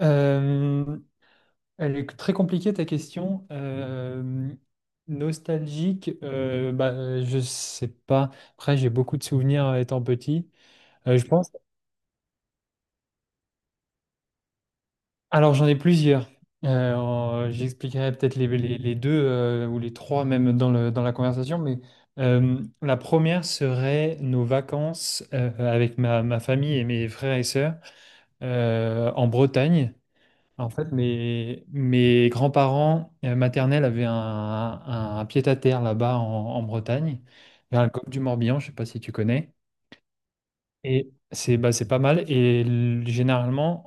Euh, Elle est très compliquée ta question. Nostalgique, bah, je sais pas. Après, j'ai beaucoup de souvenirs étant petit. Je pense. Alors, j'en ai plusieurs. J'expliquerai peut-être les deux ou les trois même dans dans la conversation. Mais la première serait nos vacances avec ma famille et mes frères et sœurs en Bretagne. En fait, mes grands-parents maternels avaient un pied-à-terre là-bas en Bretagne, vers le golfe du Morbihan, je ne sais pas si tu connais. Et c'est bah, c'est pas mal. Généralement,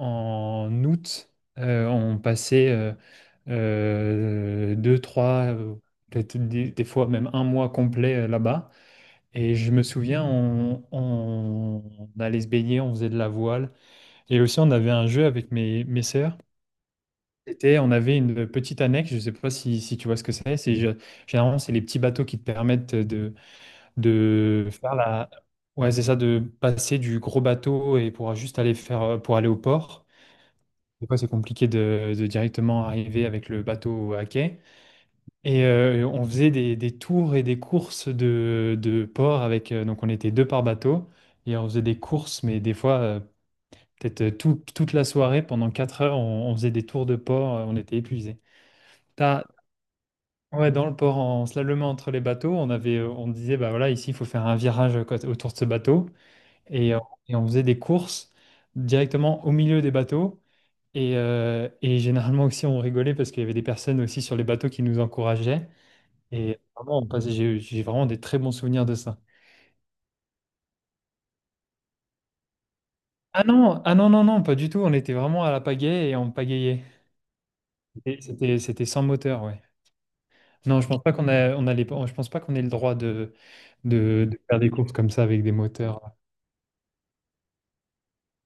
en août, on passait deux, trois, peut-être des fois même un mois complet là-bas. Et je me souviens, on allait se baigner, on faisait de la voile. Et aussi, on avait un jeu avec mes sœurs. On avait une petite annexe, je ne sais pas si tu vois ce que c'est. Généralement, c'est les petits bateaux qui te permettent de faire la... Ouais, c'est ça, de passer du gros bateau et pour juste pour aller au port. Des fois, c'est compliqué de directement arriver avec le bateau à quai. Et on faisait des tours et des courses de port avec... donc, on était deux par bateau et on faisait des courses, mais des fois, peut-être toute la soirée, pendant 4 heures, on faisait des tours de port, on était épuisés. T'as, Ouais, dans le port, en slalomant entre les bateaux, on disait, bah voilà, ici, il faut faire un virage autour de ce bateau. Et, euh, et on faisait des courses directement au milieu des bateaux. Et généralement aussi, on rigolait parce qu'il y avait des personnes aussi sur les bateaux qui nous encourageaient. Et vraiment, on passait, j'ai vraiment des très bons souvenirs de ça. Ah non, ah non, non, non, pas du tout. On était vraiment à la pagaie et on pagayait. Et c'était sans moteur, ouais. Non, je pense pas qu'on ait le droit de faire des courses comme ça avec des moteurs.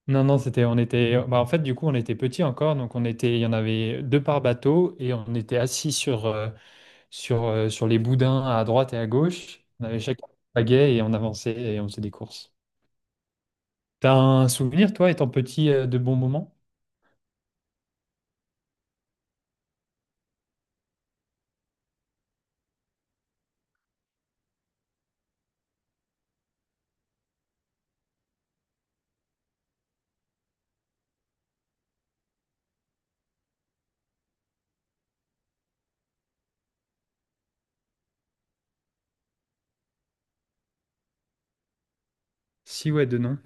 Non, non, bah, en fait, du coup, on était petits encore, il y en avait deux par bateau et on était assis sur les boudins à droite et à gauche. On avait chacun un pagaie et on avançait et on faisait des courses. T'as un souvenir, toi, étant petit, de bons moments? Si, ouais, de non.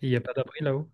Il n'y a pas d'abri là-haut?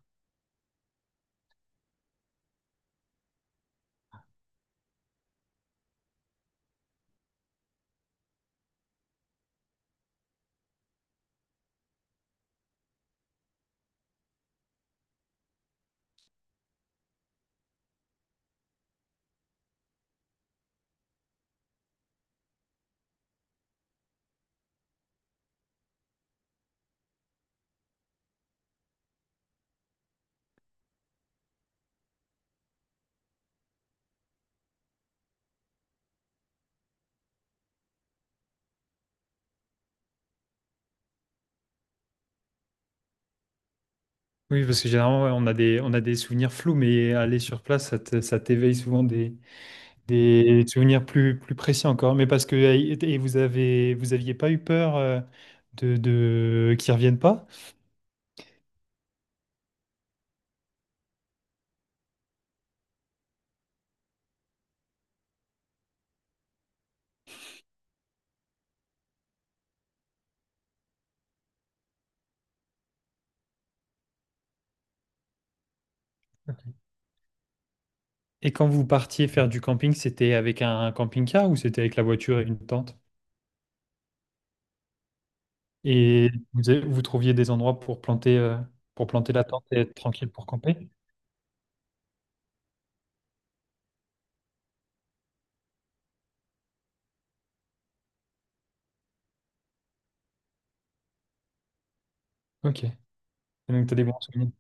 Oui, parce que généralement, ouais, on a des souvenirs flous, mais aller sur place, ça t'éveille souvent des souvenirs plus précis encore, mais parce que vous aviez pas eu peur de qu'ils reviennent pas? Et quand vous partiez faire du camping, c'était avec un camping-car ou c'était avec la voiture et une tente? Et vous, vous trouviez des endroits pour planter la tente et être tranquille pour camper? Ok. Et donc t'as des bons souvenirs.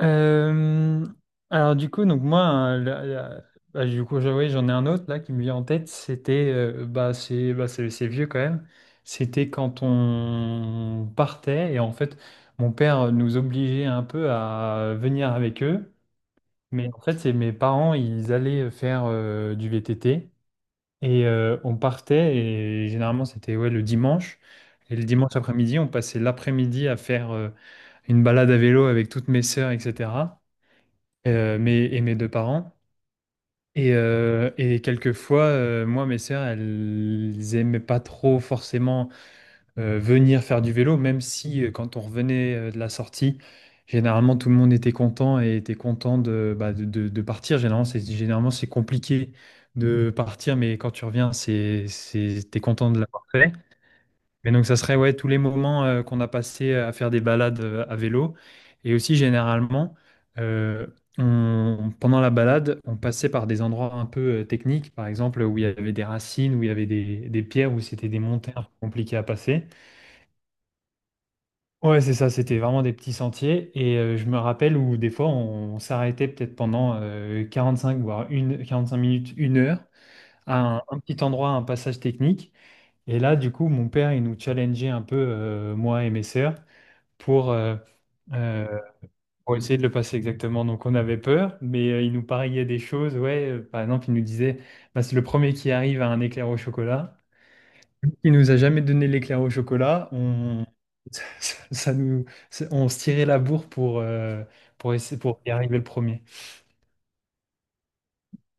Euh, alors du coup, donc moi, hein, bah, du coup, oui, j'en ai un autre là qui me vient en tête. Bah, bah, c'est vieux quand même. C'était quand on partait et en fait, mon père nous obligeait un peu à venir avec eux. Mais en fait, c'est mes parents, ils allaient faire du VTT et on partait et généralement c'était ouais le dimanche. Et le dimanche après-midi, on passait l'après-midi à faire une balade à vélo avec toutes mes sœurs, etc et mes deux parents. Et quelquefois, mes sœurs, elles aimaient pas trop forcément venir faire du vélo, même si quand on revenait de la sortie, généralement tout le monde était content et était content de, bah, de partir. Généralement c'est compliqué de partir, mais quand tu reviens, t'es content de l'avoir fait. Mais donc, ça serait ouais, tous les moments qu'on a passés à faire des balades à vélo. Et aussi, généralement, euh, pendant la balade, on passait par des endroits un peu techniques, par exemple, où il y avait des racines, où il y avait des pierres, où c'était des montées un peu compliquées à passer. Ouais, c'est ça, c'était vraiment des petits sentiers. Et je me rappelle où des fois, on s'arrêtait peut-être pendant 45, voire 45 minutes, 1 heure, à un petit endroit, un passage technique. Et là, du coup, mon père, il nous challengeait un peu, moi et mes sœurs pour, euh, euh, pour essayer de le passer exactement. Donc on avait peur, mais il nous pariait des choses. Ouais, par exemple, il nous disait, bah, c'est le premier qui arrive à un éclair au chocolat. Il nous a jamais donné l'éclair au chocolat. Ça nous, on se tirait la bourre pour essayer, pour y arriver le premier.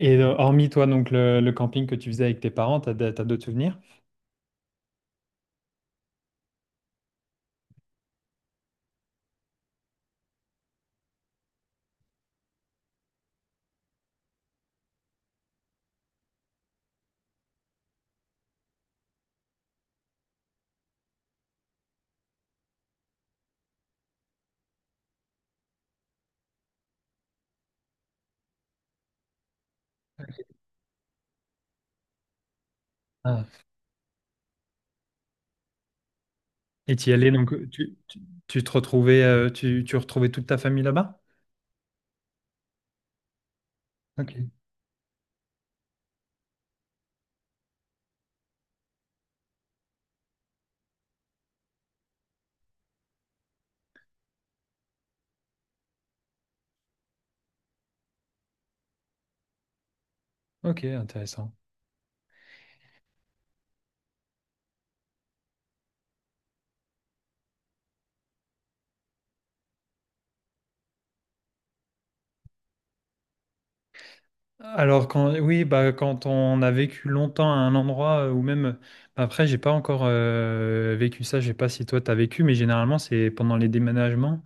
Et hormis toi, donc le camping que tu faisais avec tes parents, t'as d'autres souvenirs? Ah. Et t'y allais, donc tu te retrouvais, tu retrouvais toute ta famille là-bas? Ok. Ok, intéressant. Alors, quand oui, bah, quand on a vécu longtemps à un endroit ou même bah, après j'ai pas encore vécu ça. Je sais pas si toi t'as vécu, mais généralement c'est pendant les déménagements.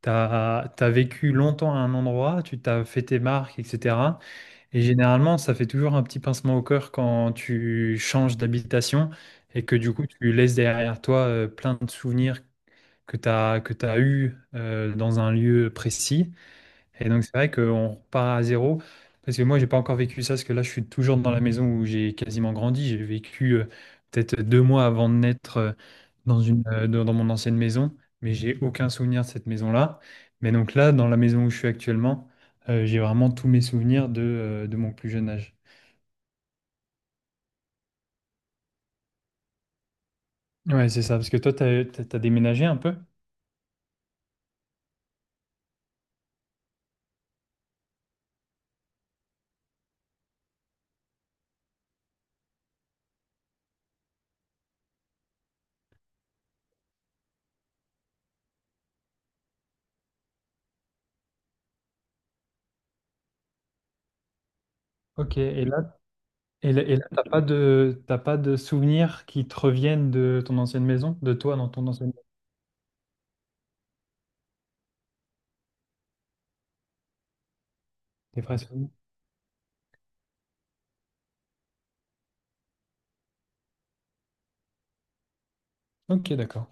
T'as vécu longtemps à un endroit, tu t'as fait tes marques, etc. Et généralement ça fait toujours un petit pincement au cœur quand tu changes d'habitation et que du coup tu laisses derrière toi plein de souvenirs que t'as eu dans un lieu précis. Et donc, c'est vrai qu'on repart à zéro. Parce que moi, j'ai pas encore vécu ça, parce que là, je suis toujours dans la maison où j'ai quasiment grandi. J'ai vécu peut-être 2 mois avant de naître dans une, dans dans mon ancienne maison, mais j'ai aucun souvenir de cette maison-là. Mais donc là, dans la maison où je suis actuellement, j'ai vraiment tous mes souvenirs de mon plus jeune âge. Ouais, c'est ça, parce que toi, t'as déménagé un peu? Ok, et là, t'as pas de souvenirs qui te reviennent de ton ancienne maison, de toi dans ton ancienne maison, tes vrais souvenirs? Ok, d'accord.